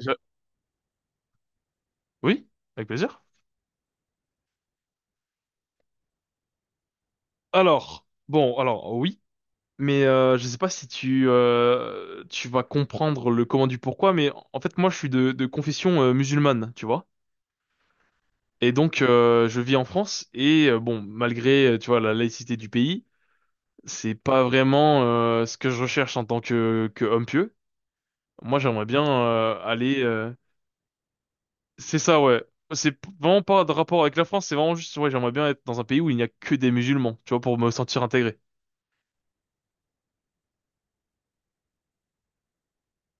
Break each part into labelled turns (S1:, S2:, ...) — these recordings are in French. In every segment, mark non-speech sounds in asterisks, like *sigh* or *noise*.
S1: Je- Oui, avec plaisir. Alors, bon, alors oui, mais je sais pas si tu vas comprendre le comment du pourquoi, mais en fait moi je suis de confession musulmane, tu vois. Et donc je vis en France et bon, malgré tu vois la laïcité du pays, c'est pas vraiment ce que je recherche en tant que homme pieux. Moi j'aimerais bien aller. C'est ça ouais. Vraiment pas de rapport avec la France, c'est vraiment juste ouais j'aimerais bien être dans un pays où il n'y a que des musulmans, tu vois, pour me sentir intégré.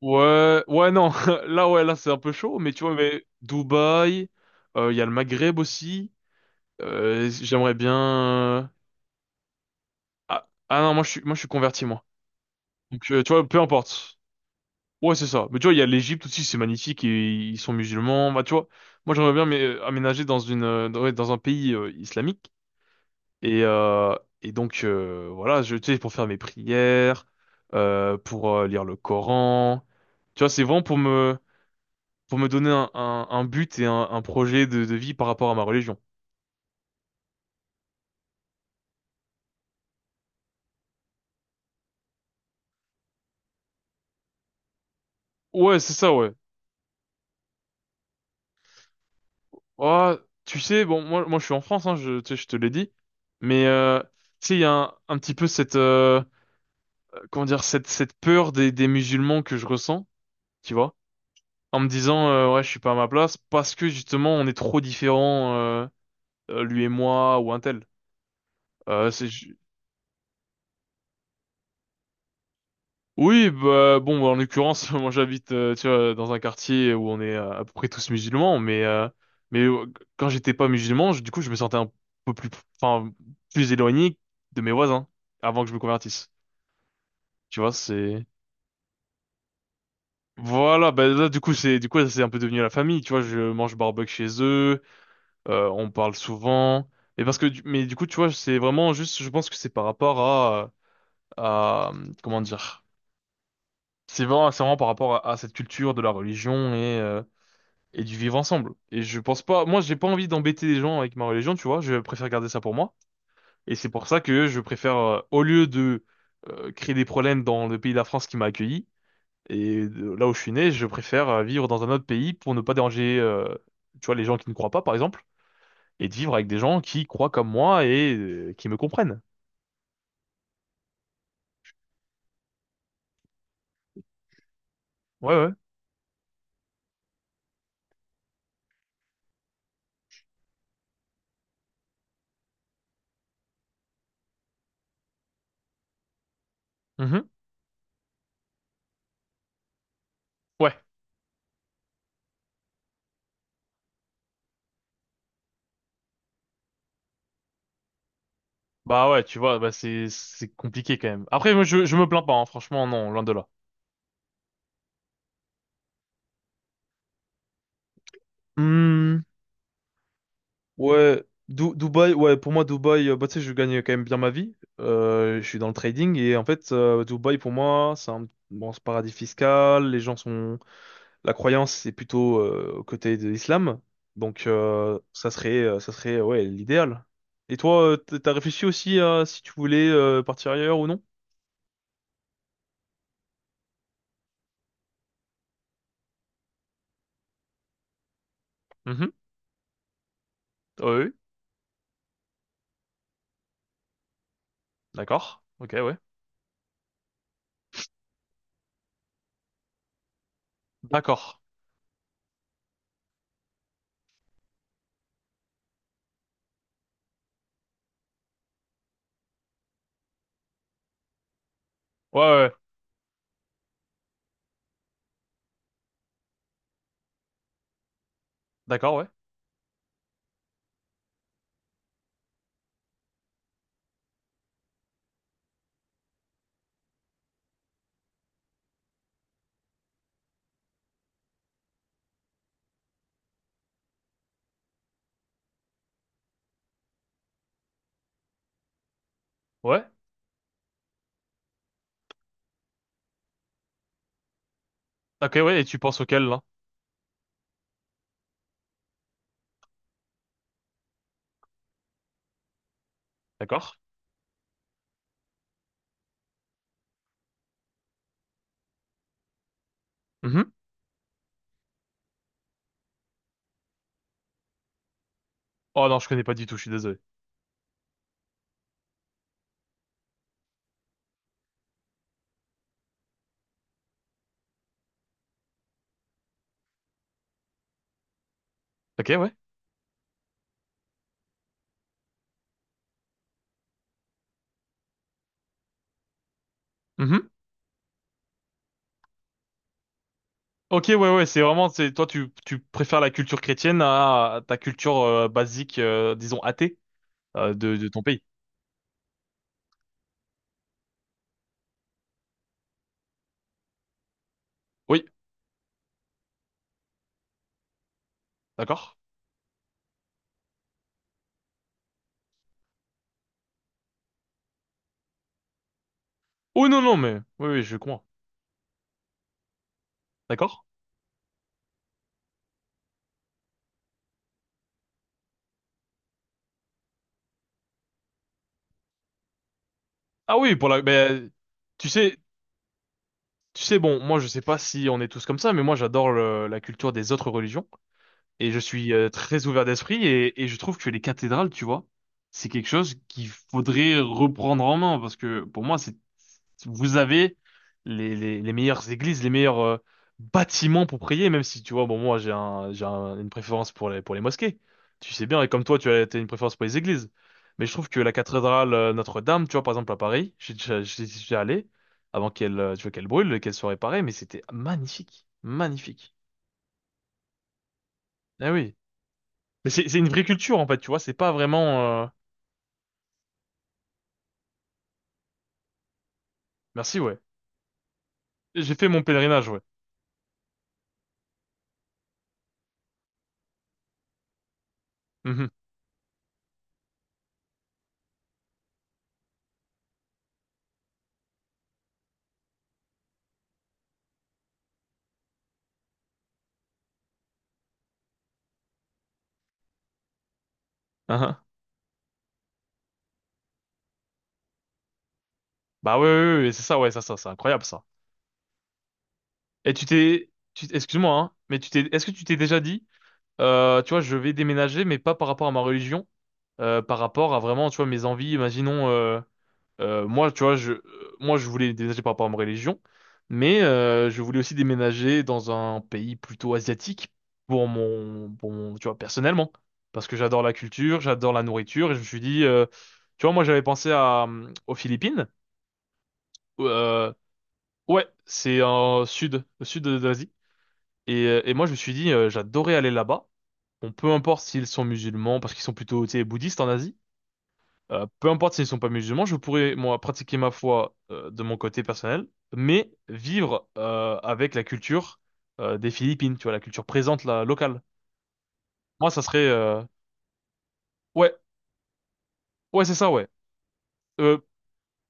S1: Ouais, ouais, non. *laughs* Là, ouais, là, c'est un peu chaud, mais tu vois, mais Dubaï, il y a le Maghreb aussi. J'aimerais bien. euh, Ah, ah non, moi, je suis converti, moi. Donc, tu vois, peu importe. Ouais, c'est ça. Mais tu vois, il y a l'Égypte aussi, c'est magnifique, et ils sont musulmans. Bah, tu vois, moi, j'aimerais bien mais, aménager dans dans, ouais, dans un pays islamique. Et, donc, voilà, tu sais, pour faire mes prières, pour lire le Coran. Tu vois, c'est vraiment pour me donner un but et un projet de vie par rapport à ma religion. Ouais, c'est ça, ouais. Ah, tu sais, bon, moi, je suis en France, hein, tu sais, je te l'ai dit, mais tu sais, il y a un petit peu cette, comment dire, cette peur des musulmans que je ressens, tu vois, en me disant, ouais, je suis pas à ma place parce que justement, on est trop différents, lui et moi ou un tel. Euh, c'est, Oui, bah bon, en l'occurrence, *laughs* moi j'habite tu vois, dans un quartier où on est à peu près tous musulmans, mais quand j'étais pas musulman, du coup, je me sentais un peu plus, enfin, plus éloigné de mes voisins avant que je me convertisse. Tu vois, c'est voilà, bah là, du coup c'est un peu devenu la famille. Tu vois, je mange barbecue chez eux, on parle souvent, et parce que mais du coup tu vois, c'est vraiment juste, je pense que c'est par rapport à comment dire. C'est vraiment par rapport à cette culture de la religion et du vivre ensemble. Et je pense pas, moi j'ai pas envie d'embêter les gens avec ma religion, tu vois, je préfère garder ça pour moi. Et c'est pour ça que je préfère, au lieu de créer des problèmes dans le pays de la France qui m'a accueilli, et là où je suis né, je préfère vivre dans un autre pays pour ne pas déranger, tu vois, les gens qui ne croient pas, par exemple, et de vivre avec des gens qui croient comme moi et qui me comprennent. Ouais, ouais. Mhm. Ouais. Bah ouais, tu vois, bah c'est compliqué quand même. Après, moi je me plains pas, hein, franchement, non, loin de là. Hmm. Ouais, Dubaï, ouais, pour moi, Dubaï, bah, tu sais, je gagne quand même bien ma vie. Je suis dans le trading et en fait, Dubaï, pour moi, c'est un bon c'est paradis fiscal. Les gens sont. La croyance, c'est plutôt au côté de l'islam. Donc, ça serait ouais, l'idéal. Et toi, t'as réfléchi aussi à si tu voulais partir ailleurs ou non? Mhm. Ouais, ouais. D'accord. Ok, ouais. D'accord. Ouais, ouais. D'accord, ouais. Ouais. Ok, ouais. Et tu penses auquel, là? D'accord. Mhm. Oh non, je connais pas du tout, je suis désolé. Ok, ouais. Mhm. Ok, ouais, ouais, c'est toi, tu préfères la culture chrétienne à ta culture basique, disons athée, de ton pays. Oui, d'accord. Oh non, non, mais oui, oui, je comprends. D'accord. Ah oui, mais tu sais, tu sais, bon, moi, je sais pas si on est tous comme ça, mais moi, j'adore la culture des autres religions. Et je suis très ouvert d'esprit et je trouve que les cathédrales, tu vois, c'est quelque chose qu'il faudrait reprendre en main parce que pour moi, c'est vous avez les meilleures églises, les meilleurs bâtiments pour prier, même si tu vois, bon, moi j'ai une préférence pour les mosquées. Tu sais bien, et comme toi, tu as t'as une préférence pour les églises. Mais je trouve que la cathédrale Notre-Dame, tu vois, par exemple à Paris, j'y suis déjà allé avant qu'elle, tu vois, qu'elle brûle, qu'elle soit réparée, mais c'était magnifique, magnifique. Ah oui. Mais c'est une vraie culture en fait, tu vois, c'est pas vraiment. Merci, ouais. J'ai fait mon pèlerinage, ouais. Mhm. Ahin. Bah ouais, ouais, ouais, ouais, c'est ça, ouais, ça, c'est incroyable ça. Et tu t'es, tu, excuse-moi, hein, mais tu t'es, est-ce que tu t'es déjà dit, tu vois, je vais déménager, mais pas par rapport à ma religion, par rapport à vraiment, tu vois, mes envies. Imaginons. Moi, tu vois, moi, je voulais déménager par rapport à ma religion, mais je voulais aussi déménager dans un pays plutôt asiatique pour mon, tu vois, personnellement, parce que j'adore la culture, j'adore la nourriture, et je me suis dit, tu vois, moi, j'avais pensé aux Philippines, euh, ouais, c'est en sud, au sud de l'Asie, et moi, je me suis dit, j'adorais aller là-bas. Bon, peu importe s'ils sont musulmans, parce qu'ils sont plutôt, tu sais, bouddhistes en Asie. Peu importe s'ils sont pas musulmans, je pourrais, moi, pratiquer ma foi de mon côté personnel, mais vivre avec la culture des Philippines, tu vois, la culture présente, la locale. Moi, ouais, ouais, c'est ça, ouais. Euh,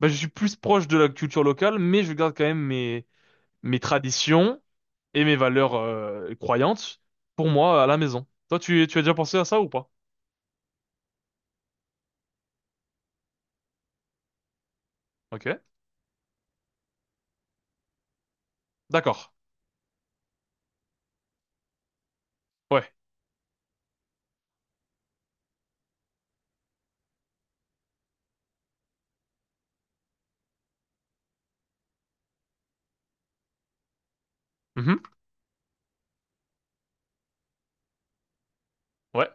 S1: bah, je suis plus proche de la culture locale, mais je garde quand même mes traditions et mes valeurs croyantes pour moi à la maison. Toi, tu as déjà pensé à ça ou pas? Ok, d'accord. Ouais. Mhm. Ouais.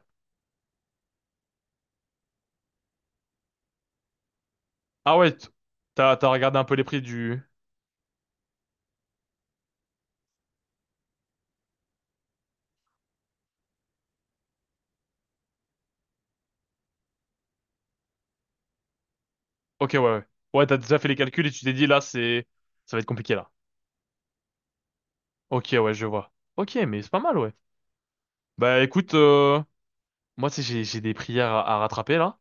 S1: Ah ouais, t'as regardé un peu les prix du. Ok, ouais, ouais. Ouais, t'as déjà fait les calculs et tu t'es dit, là, c'est. Ça va être compliqué, là. Ok, ouais, je vois. Ok, mais c'est pas mal, ouais. Bah, écoute, moi, tu sais, j'ai des prières à rattraper, là.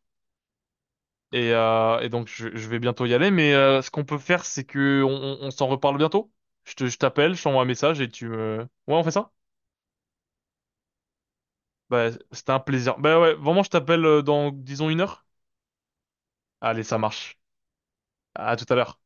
S1: Et donc, je vais bientôt y aller. Mais ce qu'on peut faire, c'est que on s'en reparle bientôt. Je t'appelle, je t'envoie un message et tu me. Ouais, on fait ça? Bah, c'était un plaisir. Bah ouais, vraiment, je t'appelle dans, disons, une heure. Allez, ça marche. À tout à l'heure.